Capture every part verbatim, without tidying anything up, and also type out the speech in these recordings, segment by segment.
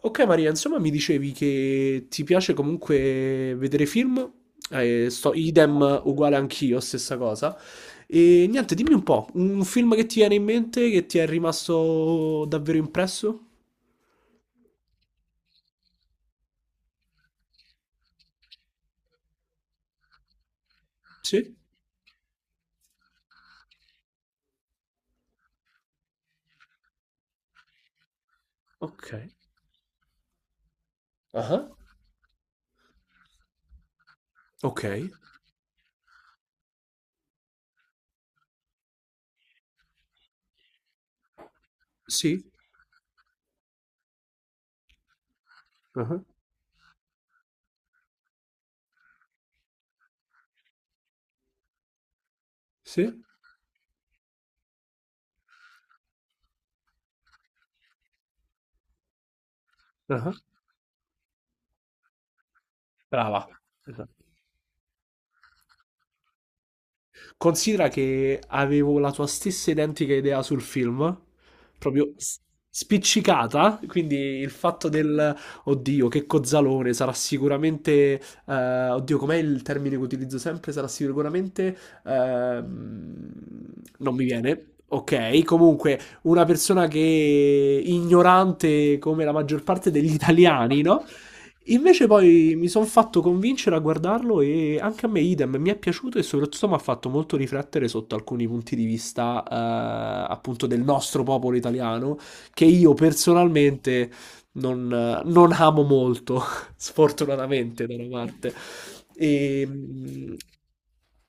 Ok Maria, insomma mi dicevi che ti piace comunque vedere film, eh, sto, idem uguale anch'io, stessa cosa. E niente, dimmi un po', un film che ti viene in mente, che ti è rimasto davvero impresso? Sì? Ok. Ah, ok. Sì? Ah, sì? Ah, brava. Esatto. Considera che avevo la tua stessa identica idea sul film, proprio s- spiccicata, quindi il fatto del oddio, che cozzalone, sarà sicuramente eh, oddio, com'è il termine che utilizzo sempre? Sarà sicuramente ehm, non mi viene. Ok, comunque una persona che ignorante come la maggior parte degli italiani, no? Invece poi mi sono fatto convincere a guardarlo e anche a me idem, mi è piaciuto e soprattutto mi ha fatto molto riflettere sotto alcuni punti di vista eh, appunto del nostro popolo italiano, che io personalmente non, non amo molto, sfortunatamente da una parte. E,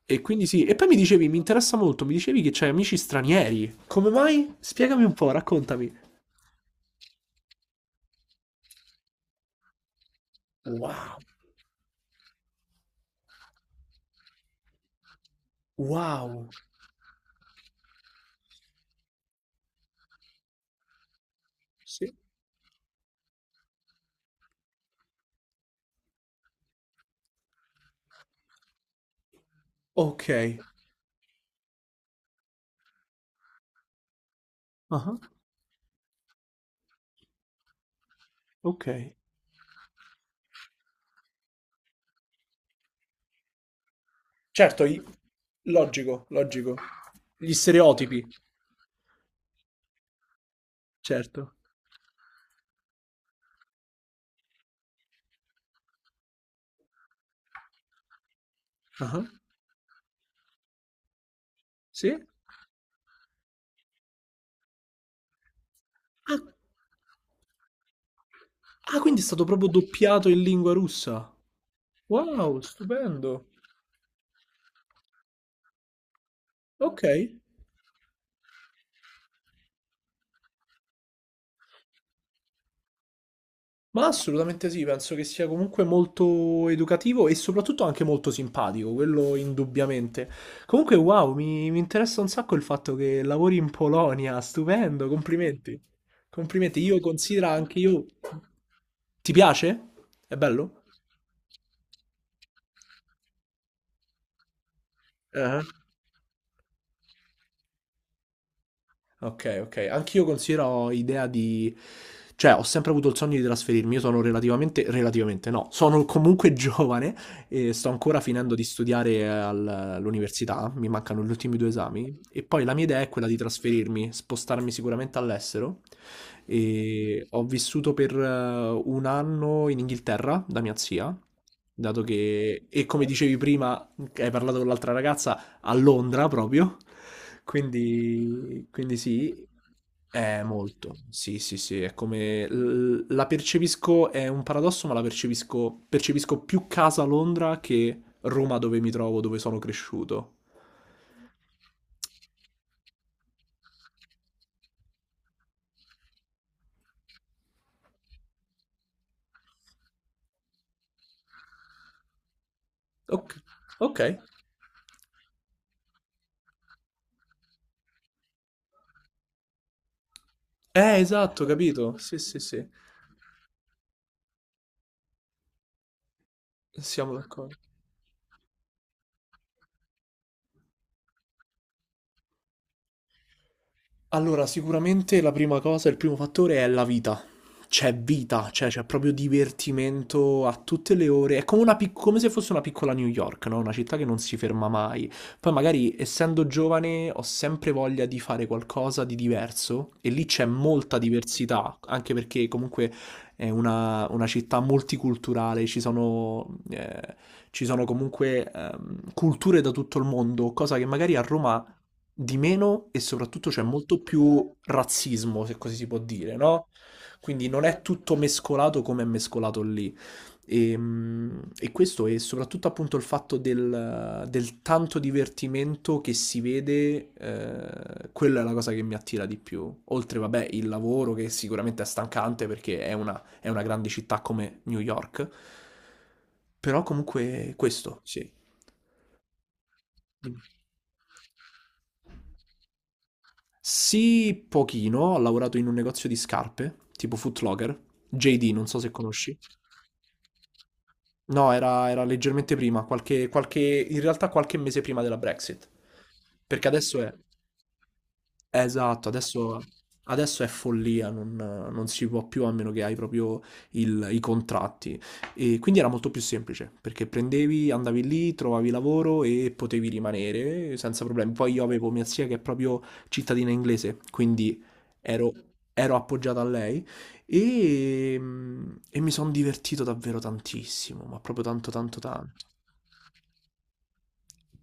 e quindi sì, e poi mi dicevi, mi interessa molto, mi dicevi che c'hai amici stranieri. Come mai? Spiegami un po', raccontami. Wow, wow, sì. Ok. Ah. Ok. Certo, i- logico, logico. Gli stereotipi, certo. Ah, sì? Ah, ah, quindi è stato proprio doppiato in lingua russa. Wow, stupendo. Ok. Ma assolutamente sì, penso che sia comunque molto educativo e soprattutto anche molto simpatico, quello indubbiamente. Comunque, wow, mi, mi interessa un sacco il fatto che lavori in Polonia, stupendo, complimenti. Complimenti, io considero anche io... Ti piace? È bello? Eh. Ok, ok. Anch'io considero idea di... Cioè, ho sempre avuto il sogno di trasferirmi. Io sono relativamente... Relativamente no. Sono comunque giovane e sto ancora finendo di studiare al- all'università. Mi mancano gli ultimi due esami. E poi la mia idea è quella di trasferirmi, spostarmi sicuramente all'estero. E ho vissuto per eh, un anno in Inghilterra da mia zia. Dato che, e come dicevi prima, che hai parlato con l'altra ragazza, a Londra proprio. Quindi, quindi sì, è molto. Sì, sì, sì, è come l- la percepisco, è un paradosso, ma la percepisco, percepisco più casa a Londra che Roma dove mi trovo, dove sono cresciuto. Ok, ok. Eh, esatto, capito. Sì, sì, sì. Siamo d'accordo. Allora, sicuramente la prima cosa, il primo fattore è la vita. C'è vita, cioè c'è proprio divertimento a tutte le ore. È come, una pic- come se fosse una piccola New York, no? Una città che non si ferma mai. Poi magari, essendo giovane, ho sempre voglia di fare qualcosa di diverso e lì c'è molta diversità, anche perché comunque è una, una città multiculturale, ci sono, eh, ci sono comunque ehm, culture da tutto il mondo, cosa che magari a Roma di meno e soprattutto c'è molto più razzismo, se così si può dire, no? Quindi non è tutto mescolato come è mescolato lì. E, mm, e questo è soprattutto appunto il fatto del, del tanto divertimento che si vede, eh, quella è la cosa che mi attira di più. Oltre, vabbè, il lavoro che sicuramente è stancante perché è una, è una grande città come New York, però comunque questo, sì. Sì, pochino, ho lavorato in un negozio di scarpe, tipo Foot Locker, J D, non so se conosci. No, era, era leggermente prima, qualche, qualche, in realtà qualche mese prima della Brexit, perché adesso è... Esatto, adesso, adesso è follia, non, non si può più a meno che hai proprio il- i contratti. E quindi era molto più semplice, perché prendevi, andavi lì, trovavi lavoro e potevi rimanere senza problemi. Poi io avevo mia zia che è proprio cittadina inglese, quindi ero, ero appoggiato a lei e, e mi sono divertito davvero tantissimo, ma proprio tanto tanto tanto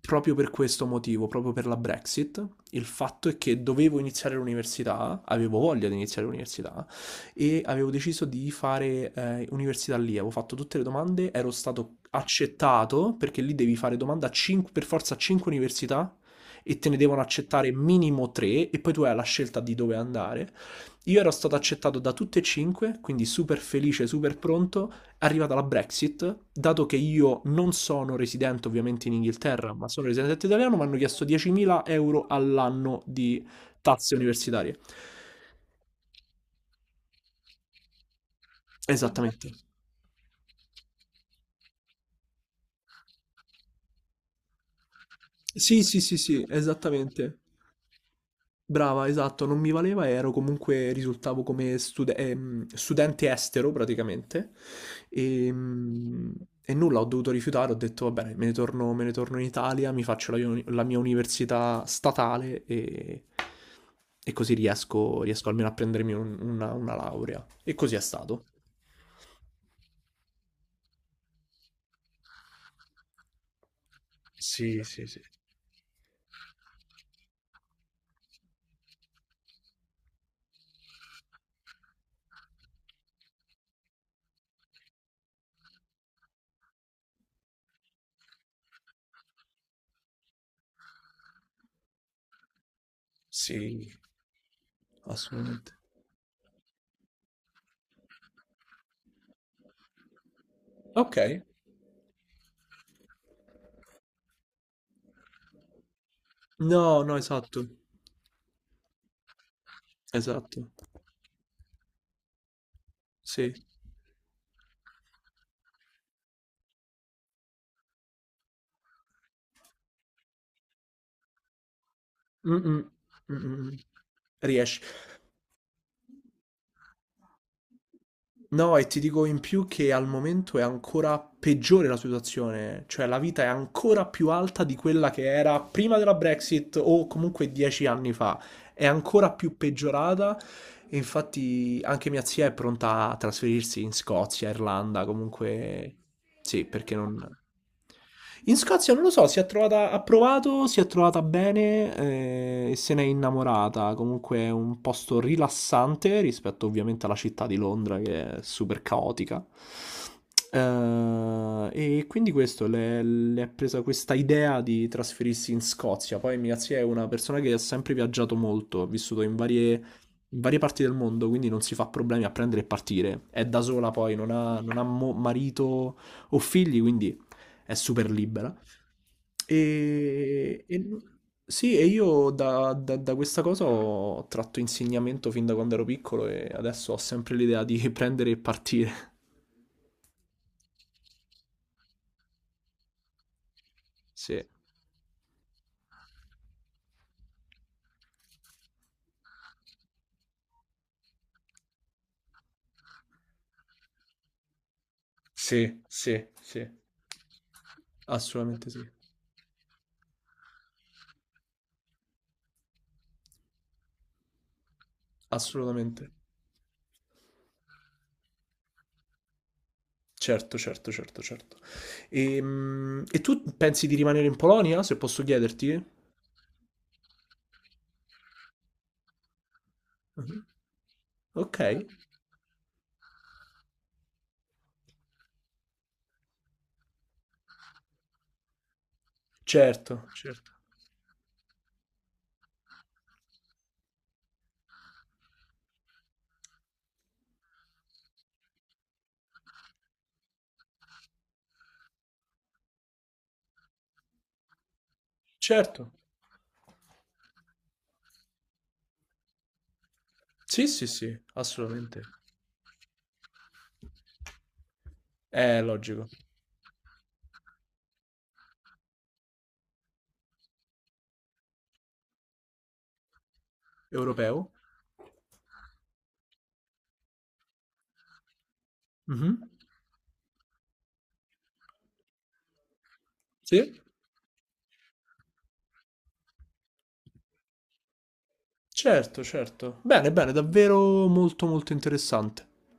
proprio per questo motivo, proprio per la Brexit, il fatto è che dovevo iniziare l'università, avevo voglia di iniziare l'università e avevo deciso di fare eh, università lì, avevo fatto tutte le domande, ero stato accettato perché lì devi fare domanda a cinque- per forza a cinque università e te ne devono accettare minimo tre e poi tu hai la scelta di dove andare. Io ero stato accettato da tutte e cinque, quindi super felice, super pronto, arrivata la Brexit, dato che io non sono residente ovviamente in Inghilterra, ma sono residente italiano, mi hanno chiesto diecimila euro all'anno di tasse universitarie. Esattamente. Sì, sì, sì, sì, esattamente. Brava, esatto, non mi valeva, ero comunque, risultavo come stude- ehm, studente estero praticamente e, mm, e nulla, ho dovuto rifiutare, ho detto va bene, me ne torno, me ne torno in Italia, mi faccio la, uni- la mia università statale e, e così riesco, riesco almeno a prendermi un- una, una laurea. E così è stato, sì, sì, sì. Sì. Assolutamente. Ok. No, no, esatto, esatto, sì. Mh-mh. Mh-mh-mh. Riesci. No, e ti dico in più che al momento è ancora peggiore la situazione, cioè la vita è ancora più alta di quella che era prima della Brexit o comunque dieci anni fa. È ancora più peggiorata e infatti anche mia zia è pronta a trasferirsi in Scozia, Irlanda, comunque sì, perché non... In Scozia non lo so, si è trovata, ha provato, si è trovata bene eh, e se n'è innamorata. Comunque è un posto rilassante rispetto ovviamente alla città di Londra che è super caotica. Eh, e quindi questo, le, le è presa questa idea di trasferirsi in Scozia. Poi mia zia è una persona che ha sempre viaggiato molto, ha vissuto in varie, in varie parti del mondo, quindi non si fa problemi a prendere e partire. È da sola poi, non ha, non ha mo- marito o figli, quindi è super libera. E, e- sì, e io da, da- da questa cosa ho tratto insegnamento fin da quando ero piccolo e adesso ho sempre l'idea di prendere e partire. Sì, sì, sì, sì, assolutamente sì, assolutamente. Certo, certo, certo, certo. Ehm, E, tu pensi di rimanere in Polonia, se posso chiederti? Mhm. Ok, certo, certo, certo. Sì, sì, sì, assolutamente. È logico. Europeo. Mhm. Sì? Certo, certo. Bene, bene, davvero molto molto interessante.